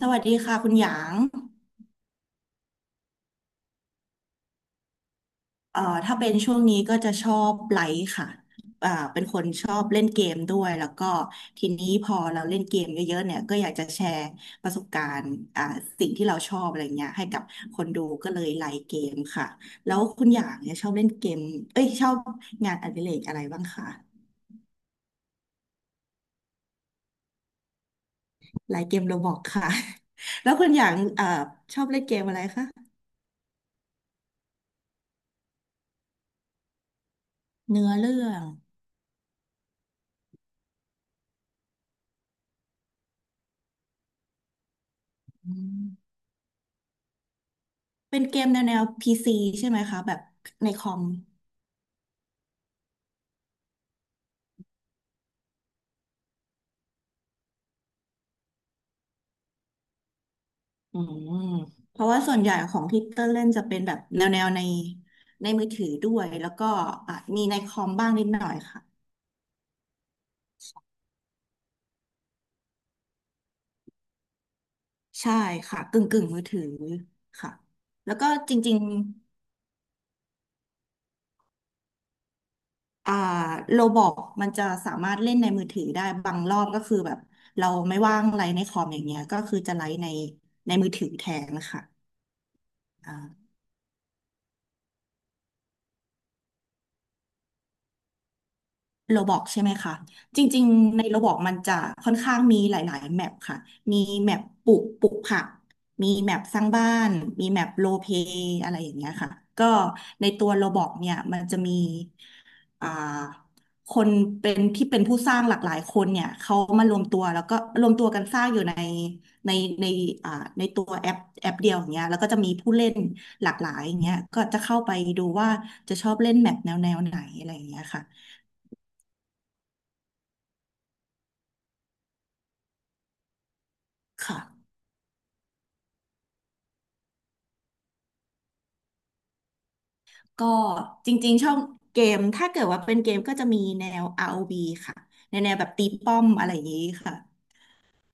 สวัสดีค่ะคุณหยางถ้าเป็นช่วงนี้ก็จะชอบไลฟ์ค่ะเป็นคนชอบเล่นเกมด้วยแล้วก็ทีนี้พอเราเล่นเกมเยอะๆเนี่ยก็อยากจะแชร์ประสบการณ์สิ่งที่เราชอบอะไรเงี้ยให้กับคนดูก็เลยไลฟ์เกมค่ะแล้วคุณหยางเนี่ยชอบเล่นเกมเอ้ยชอบงานอดิเรกอะไรบ้างคะไลฟ์เกมโรบอกค่ะ แล้วคุณหยางชอบเล่นเกมอะไรคะเนื้อเรื่องอืมเป็นเกมแนวแนวพีซีใช่ไหมคะแบบในคอม อืมเพราะว่าส่วนใหญ่ของที่เตอร์เล่นจะเป็นแบบแนวแนวในมือถือด้วยแล้วก็อ่ะมีในคอมบ้างนิดหน่อยค่ะใช่ค่ะกึ่งกึ่งมือถือค่ะแล้วก็จริงๆโรบอกมันจะสามารถเล่นในมือถือได้บางรอบก็คือแบบเราไม่ว่างไลน์ในคอมอย่างเงี้ยก็คือจะไลฟ์ในมือถือแทนนะคะ โรบอกใช่ไหมคะ จริงๆในโรบอกมันจะค่อนข้างมีหลายๆแมปค่ะ มีแมปปลูกผักมีแมปสร้างบ้านมีแมปโรลเพลย์อะไรอย่างเงี้ยค่ะก็ในตัวโรบอกเนี่ยมันจะมีอ่าคนเป็นที่เป็นผู้สร้างหลากหลายคนเนี่ยเขามารวมตัวแล้วก็รวมตัวกันสร้างอยู่ในในอ่าในตัวแอปเดียวอย่างเงี้ยแล้วก็จะมีผู้เล่นหลากหลายอย่างเงี้ยก็จะเข้าไปดูว่าจะชอบเล่นแมปแนวแนวไหนอะไรอย่างเงี้ยค่ะค่ะ ก็จริงๆชอบเกมถ้าเกิดว่าเป็นเกมก็จะมีแนว ROV ค่ะแนวแนวแบบตีป้อมอะไรอย่างนี้ค่ะ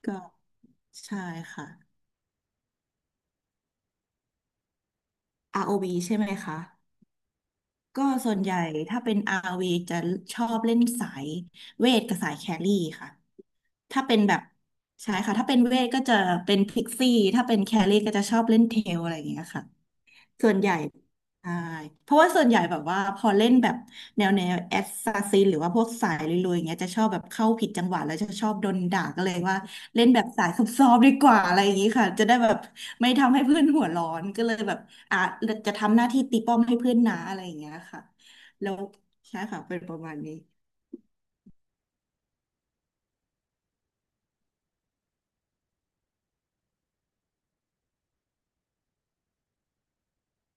ก็ใช่ค่ะ ROV ใช่ไหมคะก็ส่วนใหญ่ถ้าเป็น ROV จะชอบเล่นสายเวทกับสายแครี่ค่ะถ้าเป็นแบบใช่ค่ะถ้าเป็นเวทก็จะเป็นพิกซี่ถ้าเป็นแครี่ก็จะชอบเล่นเทลอะไรอย่างเงี้ยค่ะ ส่วนใหญ่ใช่เพราะว่าส่วนใหญ่แบบว่าพอเล่นแบบแนวแนวแอสซาซินหรือว่าพวกสายลุยๆอย่างเงี้ยจะชอบแบบเข้าผิดจังหวะแล้วจะชอบโดนด่าก็เลยว่าเล่นแบบสายซอบซ้อนดีกว่าอะไรอย่างงี้ค่ะจะได้แบบไม่ทำให้เพื่อนหัวร้อนก็เลยแบบอ่ะจะทำหน้าที่ตีป้อมให้เพื่อนนะอะไรอย่างเงี้ยค่ะแล้วใช่ค่ะเป็นประมาณนี้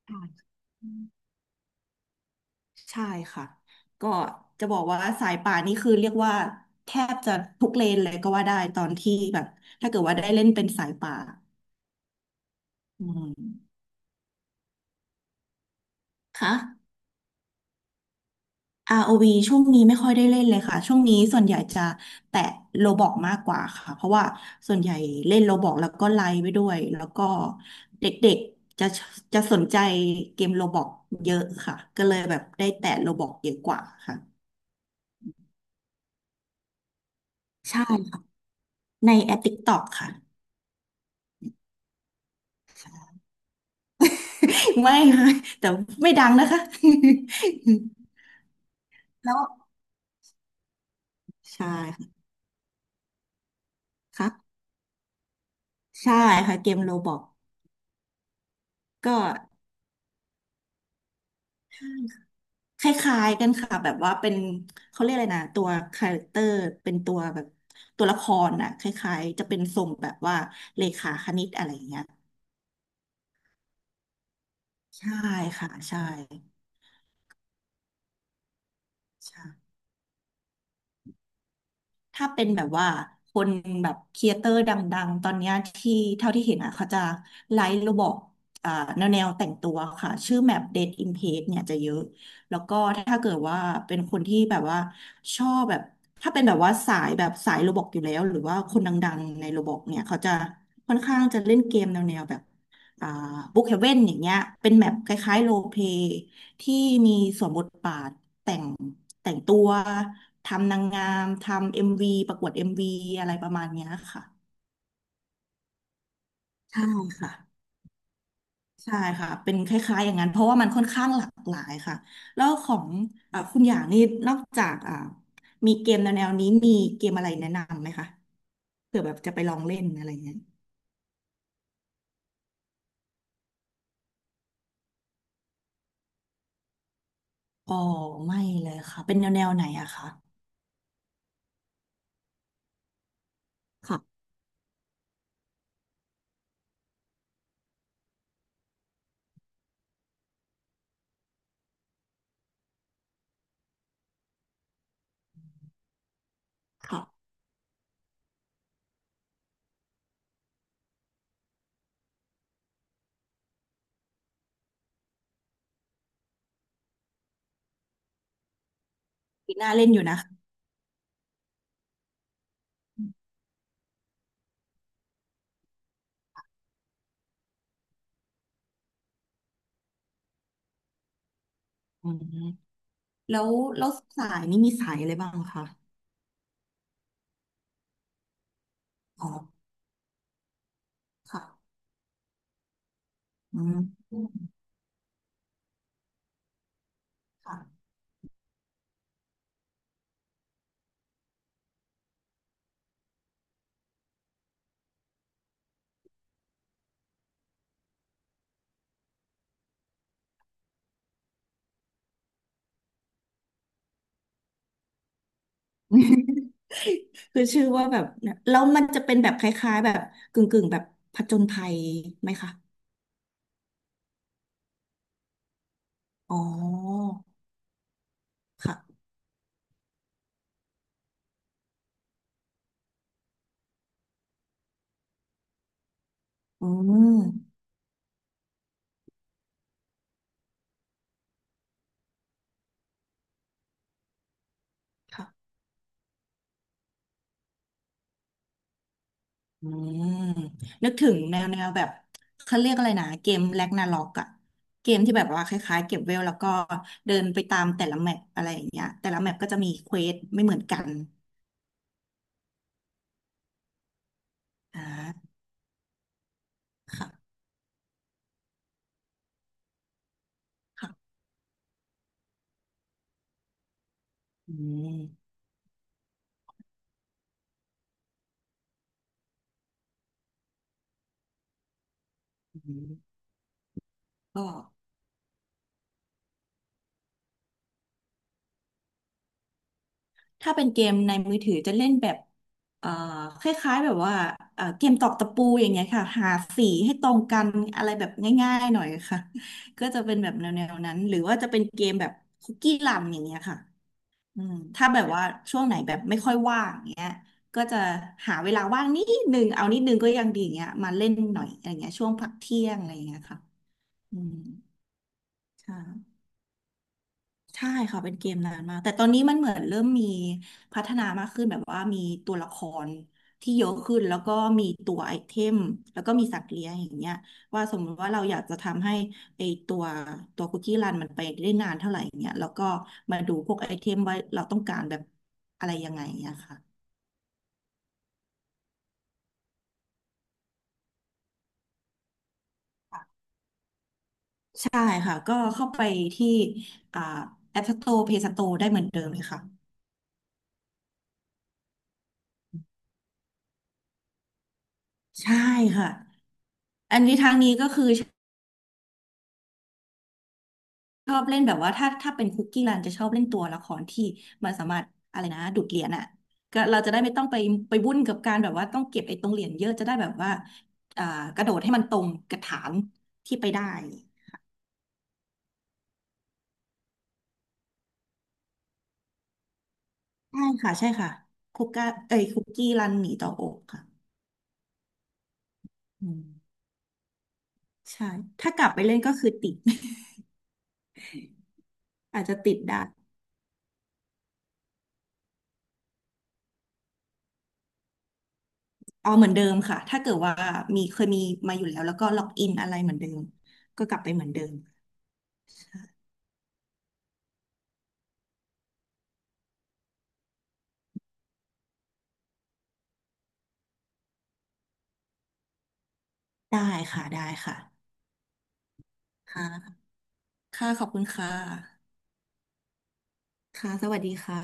ค่ะ ใช่ค่ะก็จะบอกว่าสายป่านนี่คือเรียกว่าแทบจะทุกเลนเลยก็ว่าได้ตอนที่แบบถ้าเกิดว่าได้เล่นเป็นสายป่าอืมค่ะ ROV ช่วงนี้ไม่ค่อยได้เล่นเลยค่ะช่วงนี้ส่วนใหญ่จะแตะโลบล็อกมากกว่าค่ะเพราะว่าส่วนใหญ่เล่นโลบล็อกแล้วก็ไลฟ์ไปด้วยแล้วก็เด็กๆจะสนใจเกมโลบล็อกเยอะค่ะก็เลยแบบได้แตะโลบล็อกเยอะกว่าค่ะใช่ค่ะในแอป TikTok ค่ะ ไม่ค่ะแต่ไม่ดังนะคะ แล้วใช่ค่ะรับใช่ค่ะเกมโรบอกก็คล้ายๆกันค่ะแบบว่าเป็นเขาเรียกอะไรนะตัวคาแรคเตอร์เป็นตัวแบบตัวละครน่ะคล้ายๆจะเป็นทรงแบบว่าเลขาคณิตอะไรอย่างเงี้ยใช่ค่ะใช่ ถ้าเป็นแบบว่าคนแบบครีเอเตอร์ดังๆ ตอนเนี้ยที่เท่าที่เห็นอ่ะเขาจะไลฟ์ระบบอ่าแนวแนวแต่งตัวค่ะชื่อแมป d a d in Page เนี่ยจะเยอะแล้วก็ถ้าเกิดว่าเป็นคนที่แบบว่าชอบแบบถ้าเป็นแบบว่าสายแบบสายโรบอกอยู่แล้วหรือว่าคนดังๆในโรบอกเนี่ยเขาจะค่อนข้างจะเล่นเกมแนวแนวแบบ อ่าบุ๊กเฮเว่นอย่างเงี้ยเป็นแมปคล้ายๆโรลเพลย์ที่มีสวมบทบาทแต่งแต่งตัวทำนางงามทำเอ็มวีประกวดเอ็มวีอะไรประมาณเนี้ยค่ะใช่ค่ะใช่ค่ะเป็นคล้ายๆอย่างนั้นเพราะว่ามันค่อนข้างหลากหลายค่ะแล้วของคุณอย่างนี่นอกจากมีเกมแนวๆนี้มีเกมอะไรแนะนำไหมคะเผื่อแบบจะไปลองเล่นอะไรอย่างเงี้ยอ๋อไม่เลยค่ะเป็นแนววไหนอะคะค่ะค่ะปีหน้าเล่นอยู่นะ อืมแล้วแล้วสายนี่มีสายอะไรบ้างคะอ๋อค่ะอืมค่ะ คือชื่อว่าแบบเนี่ยแล้วมันจะเป็นแบบคล้ายๆแบบกึ่งๆแบบผจญภัยไหมคะอ๋อค่ะอืมค่ะอืมนึกถึงแนวแนวแบบเขาเรียกอะไรนะเกมแร็กนาร็อกอะเกมที่แบบว่าคล้ายๆเก็บเวลแล้วก็เดินไปตามแต่ละแมปอะไรอย่างเงี้ยแต่ละแมปก็จะมีเควสไม่เหมือนกันอ่าค่ะค่ะอืม อืมก็ถ้าเป็นเกมในมือถือจะเล่นแบบเอ่อคล้ายๆแบบว่าเกมตอกตะปูอย่างเงี้ยค่ะหาสีให้ตรงกันอะไรแบบง่ายๆหน่อยค่ะ ก็จะเป็นแบบแนวๆนั้นหรือว่าจะเป็นเกมแบบคุกกี้รันอย่างเงี้ยค่ะถ้าแบบว่าช่วงไหนแบบไม่ค่อยว่างอย่างเงี้ยก็จะหาเวลาว่างนิดนึงเอานิดนึงก็ยังดีอย่างเงี้ยมาเล่นหน่อยอะไรเงี้ยช่วงพักเที่ยงอะไรเงี้ยค่ะอืมใช่ ใช่ค่ะเป็นเกมนานมากแต่ตอนนี้มันเหมือนเริ่มมีพัฒนามากขึ้นแบบว่ามีตัวละครที่เยอะขึ้นแล้วก็มีตัวไอเทมแล้วก็มีสัตว์เลี้ยงอย่างเงี้ยว่าสมมติว่าเราอยากจะทำให้ไอตัวตัวคุกกี้รันมันไปได้นานเท่าไหร่อย่างเงี้ยแล้วก็มาดูพวกไอเทมว่าเราต้องการแบบอะไรยังไงอย่างเงี้ยค่ะใช่ค่ะก็เข้าไปที่อ่าแอปสโตร์เพย์สโตร์ได้เหมือนเดิมเลยค่ะใช่ค่ะอันนี้ทางนี้ก็คือ ชอบเล่นแบบว่าถ้าเป็นคุกกี้รันจะชอบเล่นตัวละครที่มันสามารถอะไรนะดูดเหรียญอ่ะก็เราจะได้ไม่ต้องไปวุ่นกับการแบบว่าต้องเก็บไอ้ตรงเหรียญเยอะจะได้แบบว่าอ่ากระโดดให้มันตรงกระถางที่ไปได้ใช่ค่ะใช่ค่ะคุกกี้รันหนีต่ออกค่ะอืมใช่ถ้ากลับไปเล่นก็คือติด อาจจะติดได้เอาเหมือนเดิมค่ะถ้าเกิดว่าเคยมีมาอยู่แล้วแล้วก็ล็อกอินอะไรเหมือนเดิมก็กลับไปเหมือนเดิมได้ค่ะได้ค่ะค่ะ ค่ะขอบคุณค่ะค่ะสวัสดีค่ะ